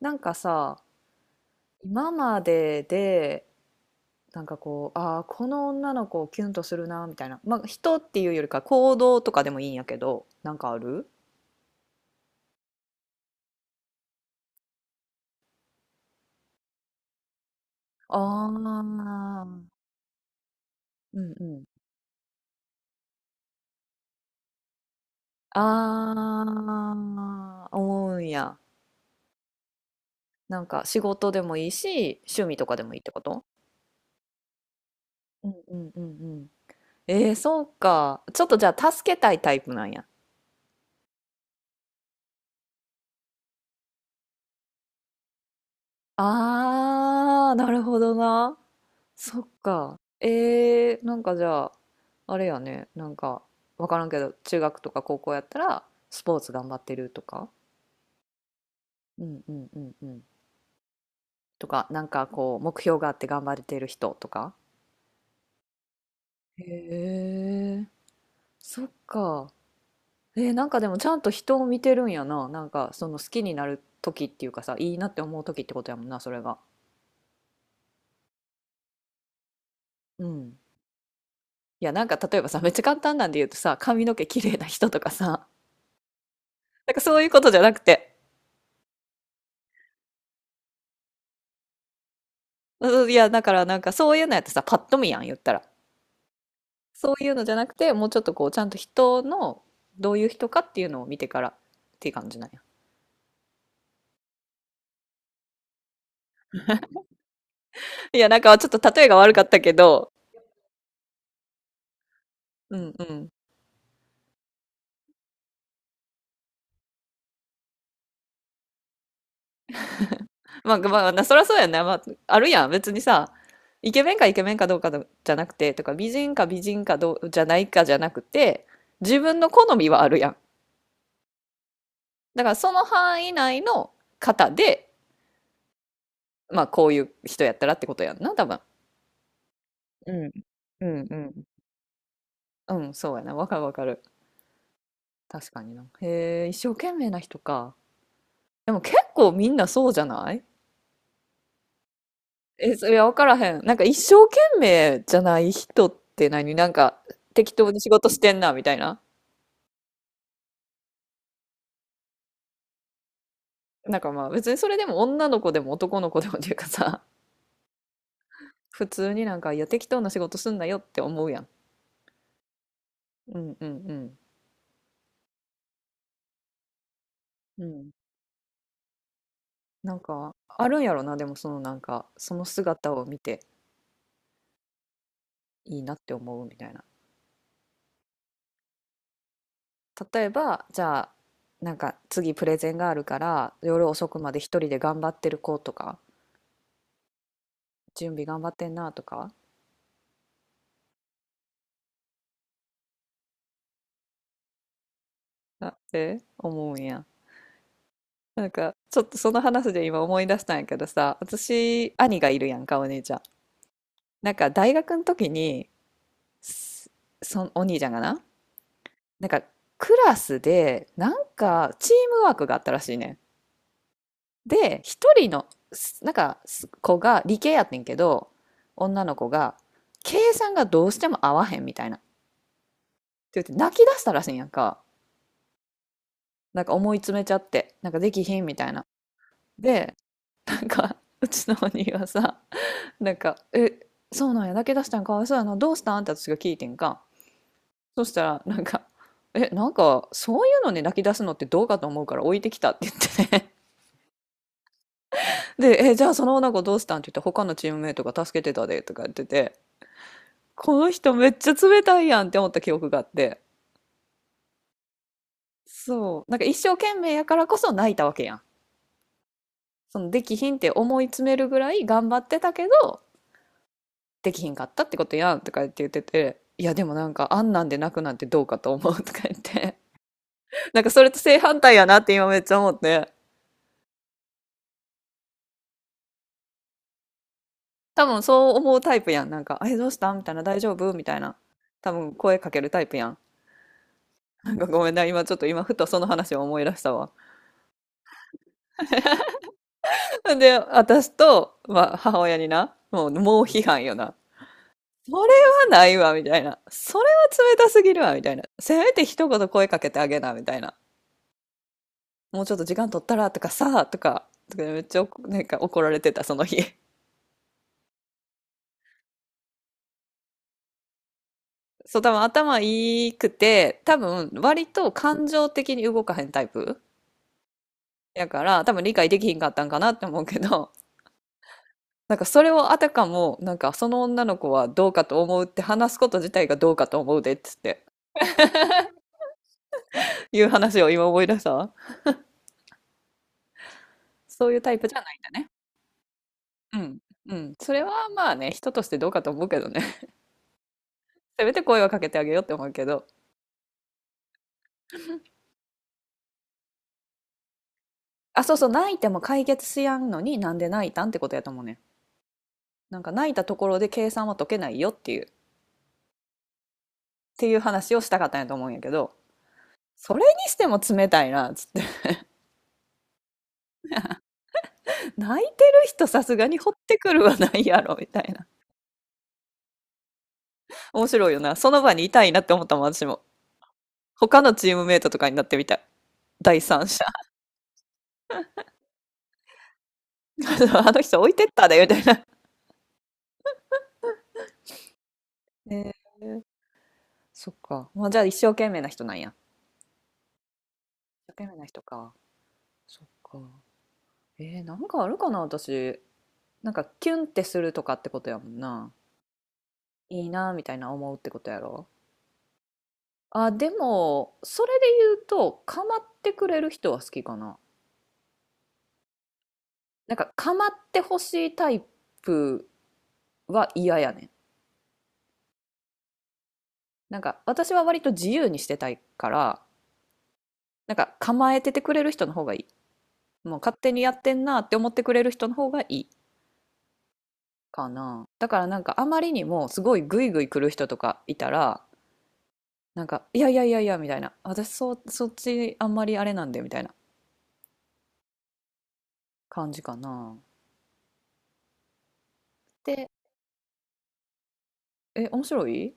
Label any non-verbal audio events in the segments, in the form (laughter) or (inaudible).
なんかさ、今までで、なんかこう、ああ、この女の子をキュンとするな、みたいな。まあ、人っていうよりか行動とかでもいいんやけど、なんかある。ああー、うんうん。ああ、思うんや。なんか仕事でもいいし、趣味とかでもいいってこと？うんうんうんうん。そうか。ちょっとじゃあ助けたいタイプなんや。ああ、なるほどな。そっか。なんかじゃあ、あれやね、なんか、わからんけど、中学とか高校やったら、スポーツ頑張ってるとか、うんうんうんうん。とか、なんかこう、目標があって頑張れてる人とか。へえ、そっか。なんかでもちゃんと人を見てるんやな。なんかその好きになる時っていうかさ、いいなって思う時ってことやもんな、それが。うん。いや、なんか例えばさ、めっちゃ簡単なんで言うとさ、髪の毛綺麗な人とかさ、なんかそういうことじゃなくて、うん。いや、だからなんかそういうのやってさ、パッと見やん、言ったら。そういうのじゃなくて、もうちょっとこう、ちゃんと人の、どういう人かっていうのを見てからっていう感じなんや。いや、なんかちょっと例えが悪かったけど、うんうん。まあまあ、なそりゃそうやんね。まあ、あるやん。別にさ、イケメンかどうかじゃなくて、とか美人かどうじゃないかじゃなくて、自分の好みはあるやん。だからその範囲内の方で、まあこういう人やったらってことやんな、多分。うん。うんうん。うん、そうやな。わかるわかる。確かにな。へえ、一生懸命な人か。でも結構みんなそうじゃない？え、それはわからへん。なんか一生懸命じゃない人って何なんか、適当に仕事してんな、みたいな。なんかまあ別にそれでも女の子でも男の子でもっていうかさ、(laughs) 普通になんか、いや、適当な仕事すんなよって思うやん。うんうんうん。うん。なんか、あるんやろな、でもそのなんか、その姿を見ていいなって思うみたいな。例えばじゃあなんか次プレゼンがあるから夜遅くまで一人で頑張ってる子とか、準備頑張ってんなとかなって思うんや。なんかちょっとその話で今思い出したんやけどさ、私兄がいるやんか、お姉ちゃん。なんか大学の時に、すそのお兄ちゃんがな、なんかクラスでなんかチームワークがあったらしいねん。で、一人の、なんか、子が、理系やってんけど、女の子が、計算がどうしても合わへんみたいな。って言って、泣き出したらしいんやんか。なんか思い詰めちゃって、なんかできひんみたいな。で、なんか、うちのお兄はさ、なんか、え、そうなんや、泣き出したん、かわいそうやな、どうしたんって私が聞いてんか。そしたら、なんか、え、なんか、そういうのに泣き出すのってどうかと思うから置いてきたって言ってね。で、え、じゃあその女の子どうしたんって言って、他のチームメイトが助けてたで、とか言ってて、この人めっちゃ冷たいやんって思った記憶があって。そう、なんか一生懸命やからこそ泣いたわけやん。そのできひんって思い詰めるぐらい頑張ってたけどできひんかったってことやんとか言ってて、いやでもなんかあんなんで泣くなんてどうかと思うとか言って。 (laughs) なんかそれと正反対やなって今めっちゃ思って、多分そう思うタイプやん。なんか「えどうした?」みたいな、「大丈夫?」みたいな、多分声かけるタイプやん。なんかごめんな、今ちょっと今ふとその話を思い出したわ。で、私と、まあ、母親にな、もう、猛批判よな。それはないわ、みたいな。それは冷たすぎるわ、みたいな。せめて一言声かけてあげな、みたいな。もうちょっと時間取ったら、とかさ、とか、とかめっちゃなんか怒られてた、その日。そう、多分頭いいくて、多分割と感情的に動かへんタイプやから、多分理解できひんかったんかなって思うけど、なんかそれをあたかも、なんかその女の子はどうかと思うって話すこと自体がどうかと思うでっつって。いう話を今思い出した。そういうタイプじゃないんだね。うん。うん。それはまあね、人としてどうかと思うけどね。(laughs) せめて声はかけてあげようって思うけど。あ、そうそう、泣いても解決しやんのに、なんで泣いたんってことやと思うね。なんか泣いたところで計算は解けないよっていう、話をしたかったんやと思うんやけど、それにしても冷たいな、つって。(laughs) 泣いてる人さすがに掘ってくるはないやろ、みたいな。面白いよな。その場にいたいなって思ったもん、私も。他のチームメイトとかになってみたい。第三者。(laughs) あの人置いてったで、みたいな。へえー、そっか。まあ、じゃあ一生懸命な人なんや。一生懸命な人か。そっか。なんかあるかな、私。なんかキュンってするとかってことやもんな。いいなみたいな思うってことやろ。あ、でも、それで言うと、構ってくれる人は好きかな。なんか構ってほしいタイプは嫌やねん。なんか私は割と自由にしてたいから、なんか構えててくれる人の方がいい。もう勝手にやってんなって思ってくれる人の方がいいかな。だからなんかあまりにもすごいグイグイ来る人とかいたら、なんか、いやいやいやいやみたいな、そっちあんまりあれなんでみたいな感じかな。で、面白い。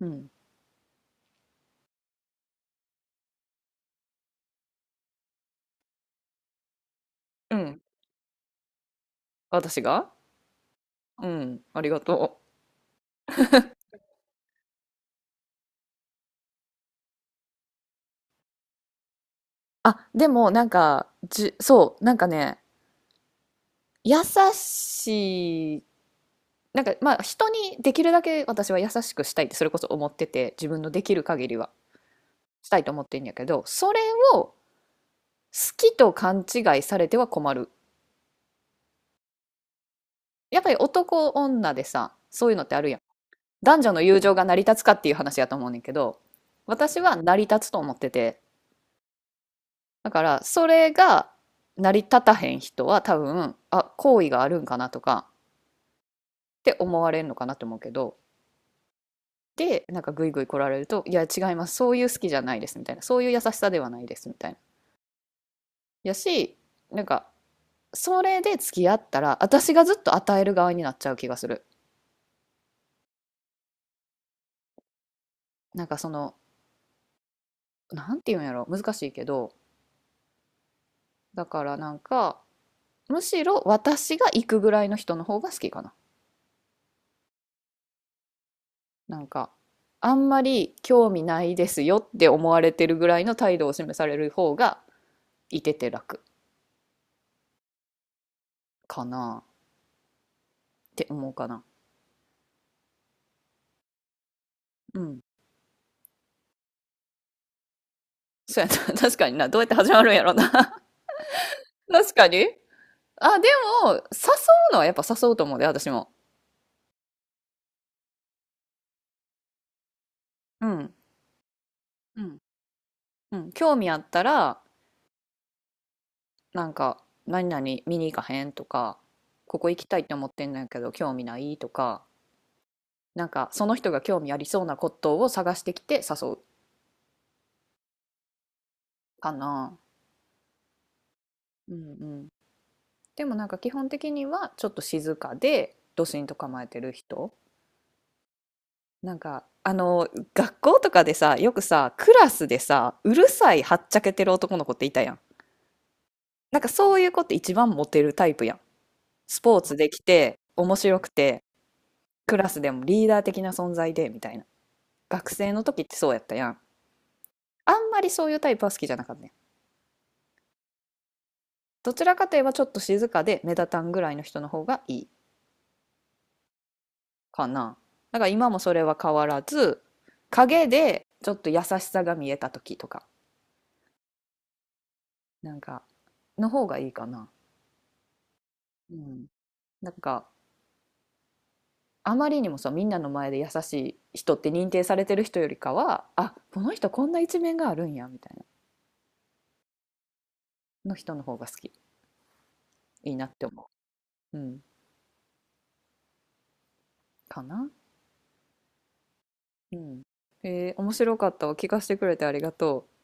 うん。うん。私が、うん。ありがとう。あ、でもなんか、そう、なんかね、優しい、なんかまあ人にできるだけ私は優しくしたいってそれこそ思ってて、自分のできる限りはしたいと思ってんやけど、それを好きと勘違いされては困る。やっぱり男女でさ、そういうのってあるやん。男女の友情が成り立つかっていう話やと思うねんけど、私は成り立つと思ってて、だからそれが成り立たへん人は多分、あ、好意があるんかなとかって思われるのかなと思うけど、で、なんかグイグイ来られると、いや違います、そういう好きじゃないですみたいな、そういう優しさではないですみたいな。やし、なんかそれで付き合ったら、私がずっと与える側になっちゃう気がする。なんかその、なんていうんやろ、難しいけど、だからなんか、むしろ私が行くぐらいの人の方が好きかな。なんか、あんまり興味ないですよって思われてるぐらいの態度を示される方がいてて楽かなって思うかな。うん。そうやな。(laughs) 確かにな。どうやって始まるんやろな。(laughs) 確かに。あ、でも、誘うのはやっぱ誘うと思うで、私も。うん。うん。うん。興味あったら、なんか、何々見に行かへんとか、ここ行きたいって思ってんのやけど、興味ないとか、なんかその人が興味ありそうなことを探してきて誘うかな。うんうん。でもなんか基本的にはちょっと静かでドシンと構えてる人。なんかあの学校とかでさ、よくさ、クラスでさ、うるさいはっちゃけてる男の子っていたやん。なんかそういう子って一番モテるタイプやん。スポーツできて面白くてクラスでもリーダー的な存在でみたいな。学生の時ってそうやったやん。あんまりそういうタイプは好きじゃなかったね。どちらかといえばちょっと静かで目立たんぐらいの人の方がいいかな。だから今もそれは変わらず、影でちょっと優しさが見えた時とか、なんか、の方がいいかな。うん。なんか、あまりにもさ、みんなの前で優しい人って認定されてる人よりかは、あ、この人こんな一面があるんや、みたいな、の人の方が好き。いいなって思う。うん。かな。うん。面白かったわ。聞かせてくれてありがとう。